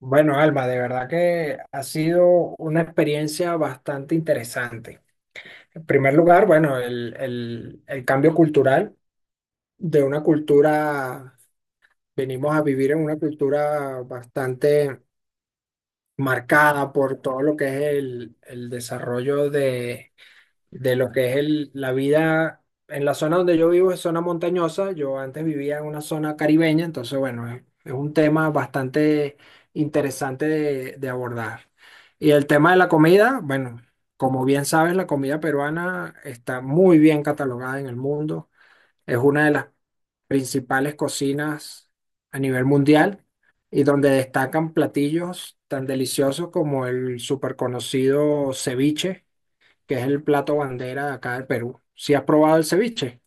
Bueno, Alba, de verdad que ha sido una experiencia bastante interesante. En primer lugar, bueno, el cambio cultural de una cultura, venimos a vivir en una cultura bastante marcada por todo lo que es el desarrollo de lo que es el, la vida en la zona donde yo vivo es zona montañosa. Yo antes vivía en una zona caribeña, entonces bueno, es un tema bastante interesante de abordar. Y el tema de la comida, bueno, como bien sabes, la comida peruana está muy bien catalogada en el mundo. Es una de las principales cocinas a nivel mundial y donde destacan platillos tan deliciosos como el súper conocido ceviche, que es el plato bandera de acá del Perú. ¿Si has probado el ceviche?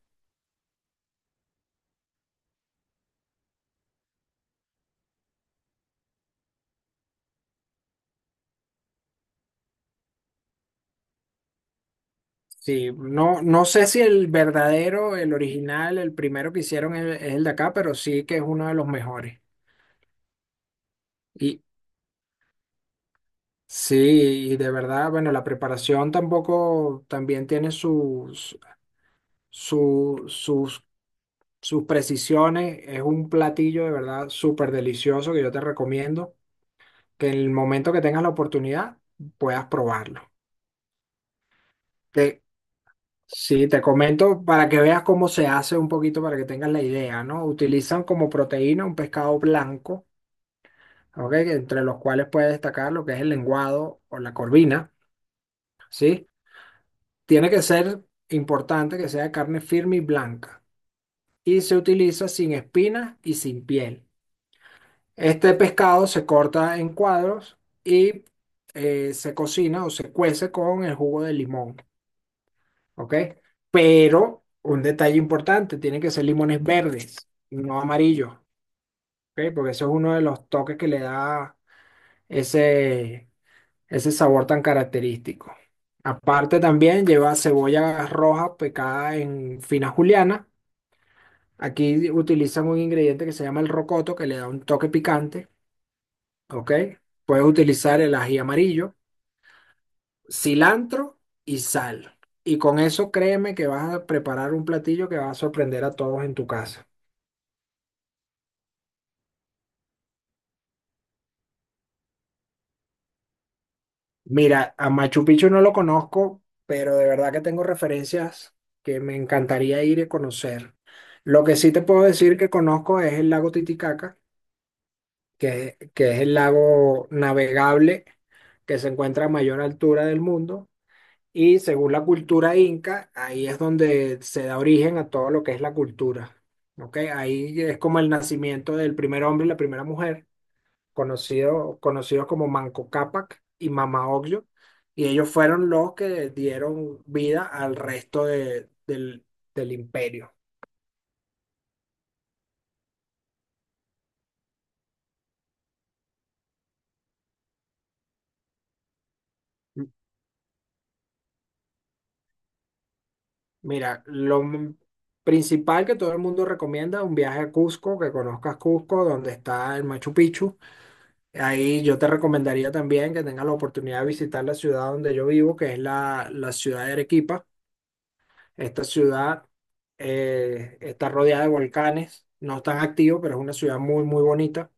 Sí, no, no sé si el verdadero, el original, el primero que hicieron es el de acá, pero sí que es uno de los mejores. Y sí, y de verdad, bueno, la preparación tampoco también tiene su- sus, sus precisiones. Es un platillo de verdad súper delicioso que yo te recomiendo que en el momento que tengas la oportunidad puedas probarlo. Te- Sí, te comento para que veas cómo se hace un poquito, para que tengas la idea, ¿no? Utilizan como proteína un pescado blanco, ¿ok? Entre los cuales puede destacar lo que es el lenguado o la corvina, ¿sí? Tiene que ser importante que sea de carne firme y blanca. Y se utiliza sin espinas y sin piel. Este pescado se corta en cuadros y se cocina o se cuece con el jugo de limón. ¿Ok? Pero un detalle importante, tienen que ser limones verdes, no amarillos, ¿ok? Porque eso es uno de los toques que le da ese, ese sabor tan característico. Aparte también lleva cebolla roja picada en fina juliana. Aquí utilizan un ingrediente que se llama el rocoto, que le da un toque picante, ¿ok? Puedes utilizar el ají amarillo, cilantro y sal. Y con eso créeme que vas a preparar un platillo que va a sorprender a todos en tu casa. Mira, a Machu Picchu no lo conozco, pero de verdad que tengo referencias que me encantaría ir y conocer. Lo que sí te puedo decir que conozco es el lago Titicaca, que es el lago navegable que se encuentra a mayor altura del mundo. Y según la cultura inca, ahí es donde se da origen a todo lo que es la cultura. ¿Ok? Ahí es como el nacimiento del primer hombre y la primera mujer conocidos como Manco Cápac y Mama Ocllo, y ellos fueron los que dieron vida al resto del imperio. Mira, principal que todo el mundo recomienda es un viaje a Cusco, que conozcas Cusco, donde está el Machu Picchu. Ahí yo te recomendaría también que tengas la oportunidad de visitar la ciudad donde yo vivo, que es la ciudad de Arequipa. Esta ciudad está rodeada de volcanes, no tan activo, pero es una ciudad muy, muy bonita.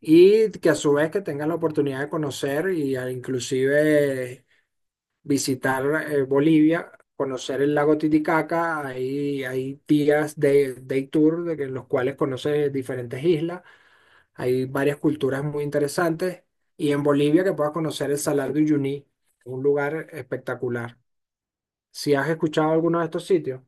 Y que a su vez que tengas la oportunidad de conocer y inclusive visitar Bolivia, conocer el lago Titicaca, hay días de day tour en los cuales conoces diferentes islas, hay varias culturas muy interesantes y en Bolivia que puedas conocer el Salar de Uyuni, un lugar espectacular. ¿Si has escuchado alguno de estos sitios?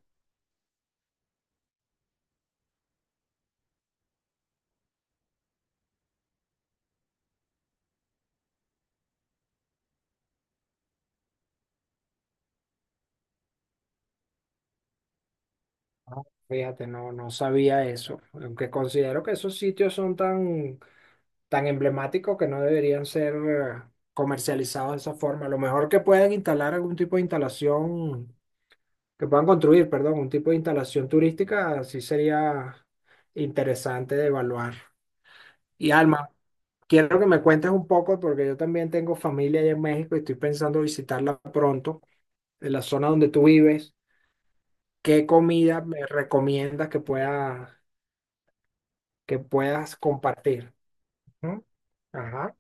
Fíjate, no, no sabía eso, aunque considero que esos sitios son tan, tan emblemáticos que no deberían ser comercializados de esa forma. A lo mejor que puedan instalar algún tipo de instalación, que puedan construir, perdón, un tipo de instalación turística, sí sería interesante de evaluar. Y Alma, quiero que me cuentes un poco, porque yo también tengo familia allá en México y estoy pensando visitarla pronto, en la zona donde tú vives. ¿Qué comida me recomiendas que pueda que puedas compartir? ¿No? Ajá.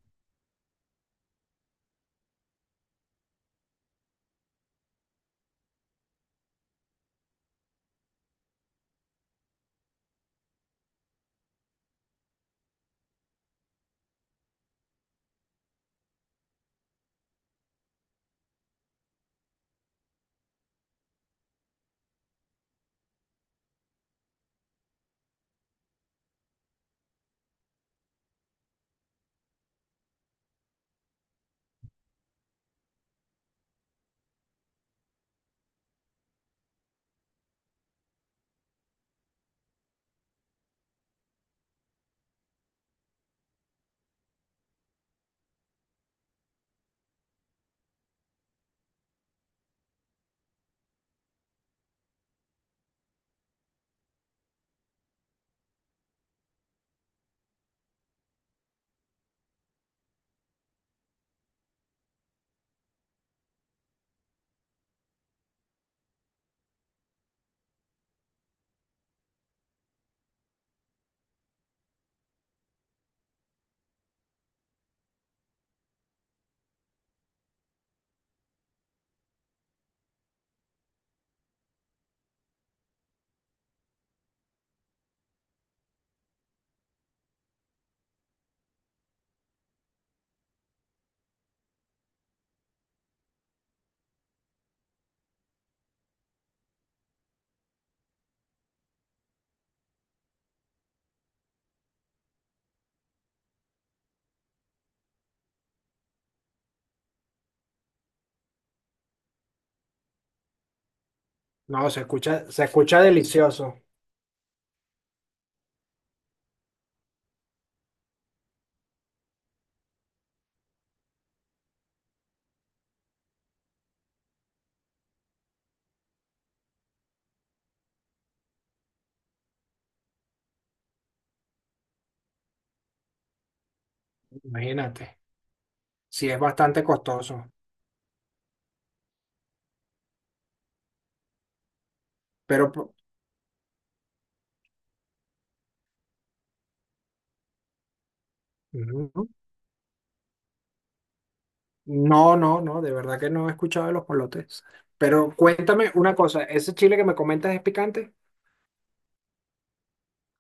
No, se escucha delicioso, imagínate. Sí, es bastante costoso, pero ujú. No, no, no, de verdad que no he escuchado de los polotes. Pero cuéntame una cosa, ¿ese chile que me comentas es picante?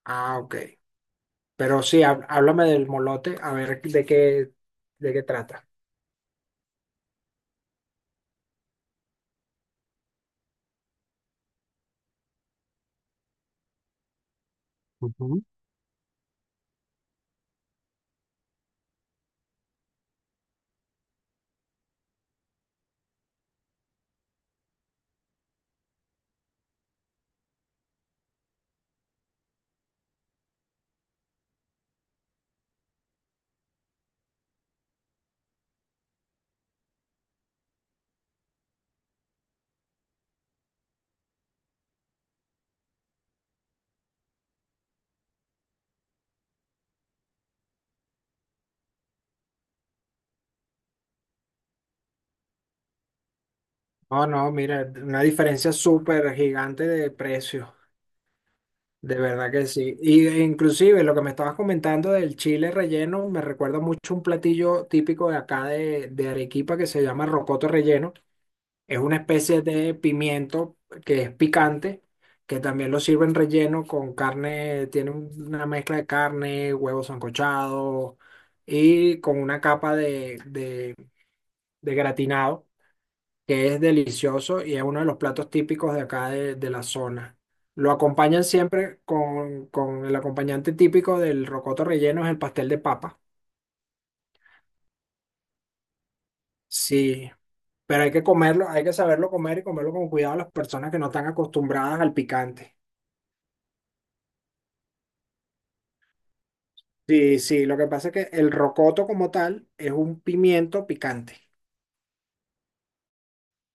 Ah, ok. Pero sí, háblame del molote, a ver de qué trata. Ujú. No, no, mira, una diferencia súper gigante de precio. De verdad que sí. Y e, inclusive lo que me estabas comentando del chile relleno me recuerda mucho un platillo típico de acá de Arequipa que se llama rocoto relleno. Es una especie de pimiento que es picante, que también lo sirven relleno con carne, tiene una mezcla de carne, huevos sancochados y con una capa de de gratinado que es delicioso y es uno de los platos típicos de acá de la zona. Lo acompañan siempre con el acompañante típico del rocoto relleno, es el pastel de papa. Sí, pero hay que comerlo, hay que saberlo comer y comerlo con cuidado a las personas que no están acostumbradas al picante. Sí, sí, lo que pasa es que el rocoto como tal es un pimiento picante.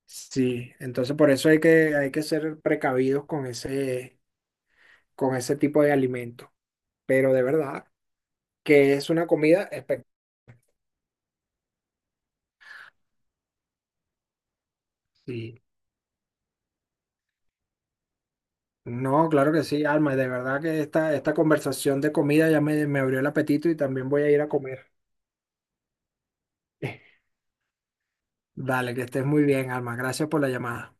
Sí, entonces por eso hay que ser precavidos con ese tipo de alimento. Pero de verdad que es una comida espectacular. No, claro que sí, Alma, de verdad que esta conversación de comida ya me abrió el apetito y también voy a ir a comer. Vale, que estés muy bien, Alma. Gracias por la llamada.